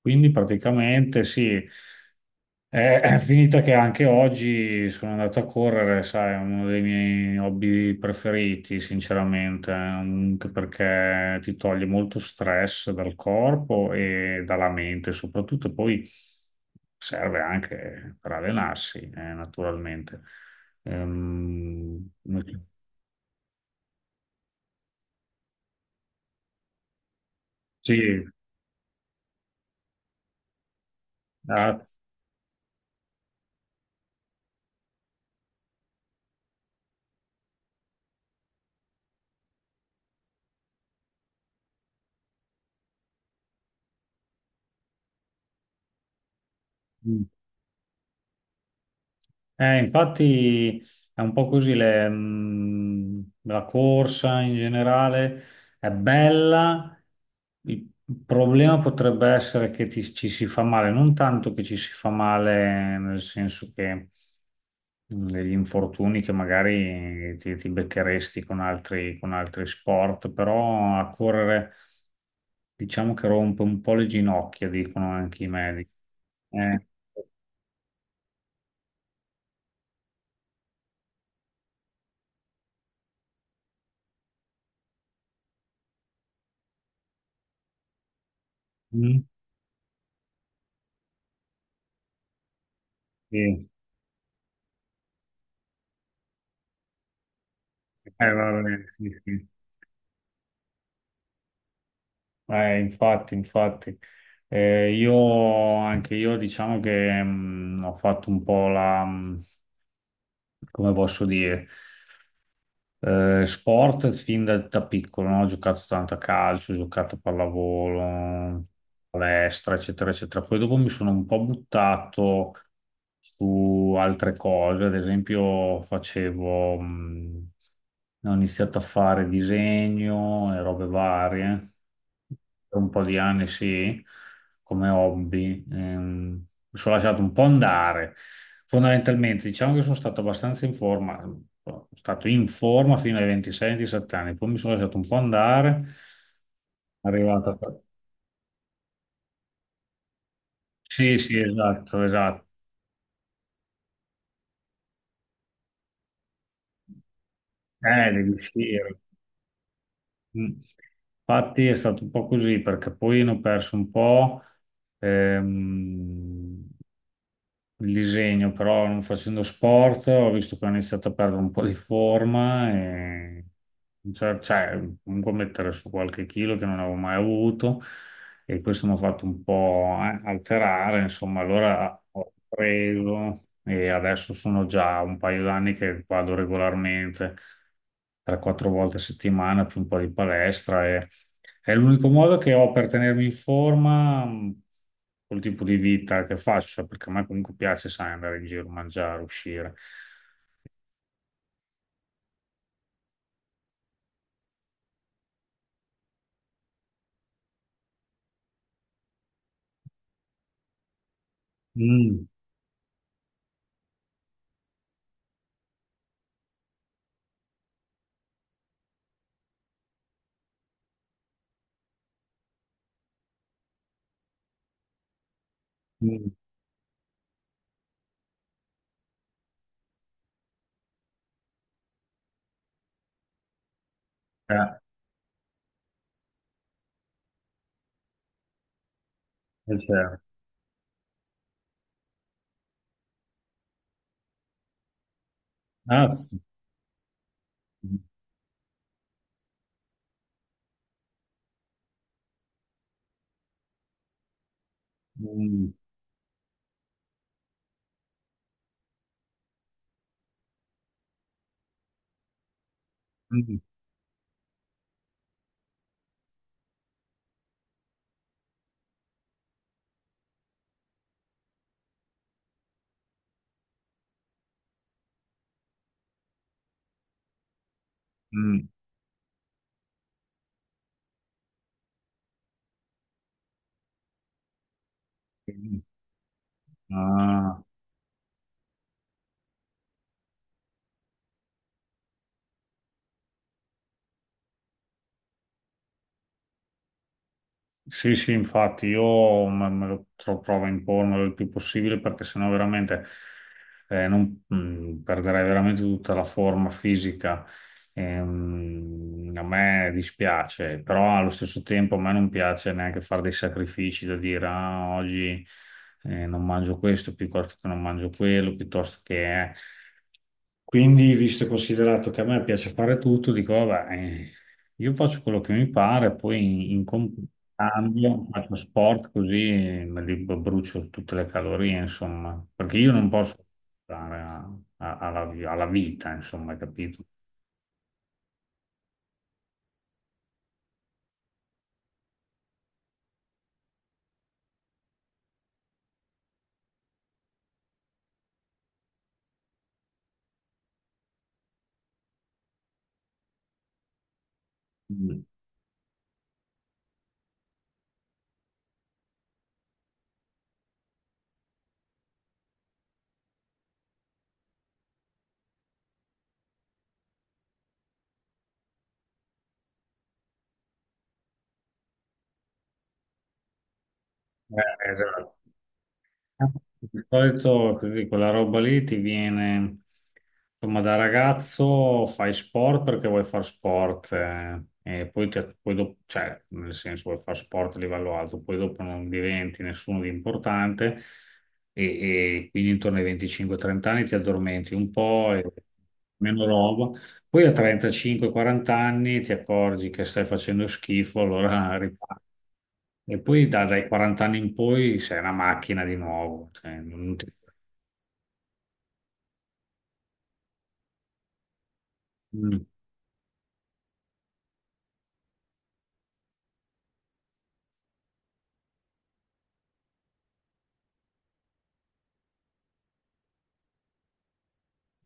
Quindi praticamente sì, è finita che anche oggi sono andato a correre, sai. È uno dei miei hobby preferiti, sinceramente, anche perché ti toglie molto stress dal corpo e dalla mente, soprattutto poi serve anche per allenarsi, naturalmente. Ehm, sì, ah, mm. Infatti è un po' così, le, la corsa in generale è bella, il problema potrebbe essere che ci si fa male, non tanto che ci si fa male nel senso che degli infortuni che magari ti beccheresti con altri sport, però a correre diciamo che rompe un po' le ginocchia, dicono anche i medici. Eh, mm, sì. Vabbè, sì, sì. Infatti, infatti. Io, anche io, diciamo che ho fatto un po' la, come posso dire, sport da piccolo, no? Ho giocato tanto a calcio, ho giocato a pallavolo, palestra, eccetera, eccetera. Poi dopo mi sono un po' buttato su altre cose, ad esempio facevo, ho iniziato a fare disegno e robe varie, per un po' di anni sì, come hobby. Mi sono lasciato un po' andare. Fondamentalmente, diciamo che sono stato abbastanza in forma, sono stato in forma fino ai 26-27 anni, poi mi sono lasciato un po' andare, arrivato a sì, sì, esatto, esatto. Devi uscire. Mm. Infatti è stato un po' così perché poi ne ho perso un po'. ehm, il disegno, però non facendo sport ho visto che ho iniziato a perdere un po' di forma e cioè, comunque mettere su qualche chilo che non avevo mai avuto, e questo mi ha fatto un po' alterare, insomma. Allora ho preso e adesso sono già un paio d'anni che vado regolarmente 3-4 volte a settimana più un po' di palestra, e è l'unico modo che ho per tenermi in forma col tipo di vita che faccio, perché a me comunque piace, sai, andare in giro, mangiare, uscire. Mm, mm, eh, è certo. Grazie. Mm, mm, mm, mm. Mm, ah. Sì, sì, infatti io me lo provo a impormelo il più possibile perché sennò veramente perderei veramente tutta la forma fisica. A me dispiace, però allo stesso tempo a me non piace neanche fare dei sacrifici da dire ah, oggi non mangio questo piuttosto che non mangio quello, piuttosto che eh. Quindi, visto e considerato che a me piace fare tutto, dico, vabbè, io faccio quello che mi pare, poi cambio, faccio sport così me brucio tutte le calorie, insomma, perché io non posso stare alla alla vita, insomma, capito? Mm. Esatto. Di solito così, quella roba lì ti viene, insomma, da ragazzo fai sport perché vuoi fare sport e poi, poi dopo, cioè, nel senso vuoi fare sport a livello alto, poi dopo non diventi nessuno di importante e, e quindi intorno ai 25-30 anni ti addormenti un po' e meno roba, poi a 35-40 anni ti accorgi che stai facendo schifo, allora ripari. E poi dai 40 anni in poi sei una macchina di nuovo. Cioè, non ti- Mm,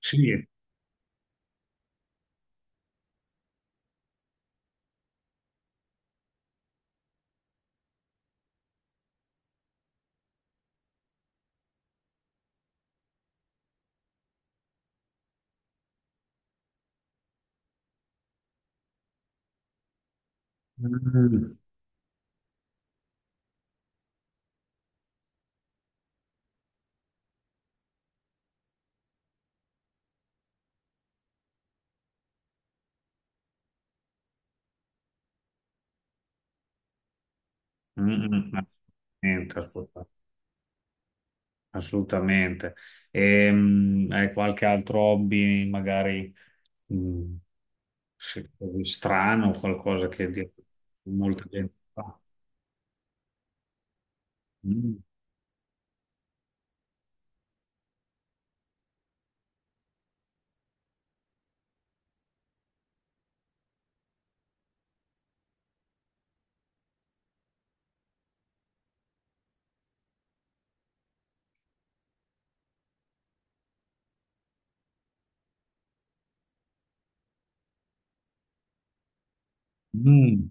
sì, mm, mm, mm, assolutamente. Assolutamente. Hai qualche altro hobby, magari mm, sì, così strano, qualcosa che molta gente fa? Mm, mm,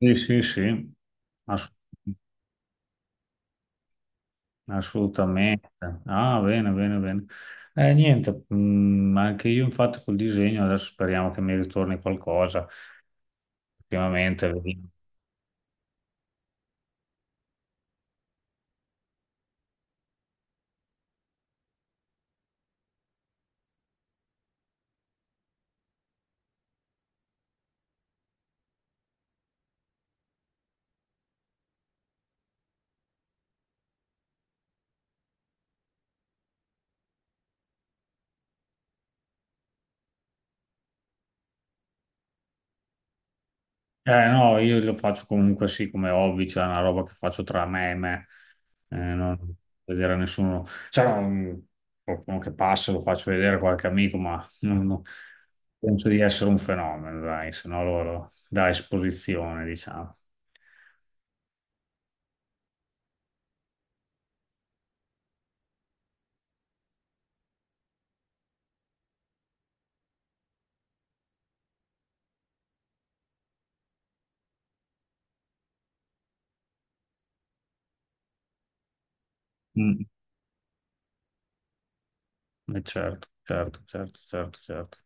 sì, sì, sì. Assolutamente. Assolutamente. Ah, bene, bene, bene. Niente, mm, anche io infatti col disegno adesso speriamo che mi ritorni qualcosa. Ultimamente, vedi. Eh, no, io lo faccio comunque sì come hobby, cioè è una roba che faccio tra me e me, non vedere a nessuno, cioè non- qualcuno che passa lo faccio vedere a qualche amico, ma non penso di essere un fenomeno, dai, se no loro da esposizione, diciamo. Mm, certo, certo, certo, certo, certo.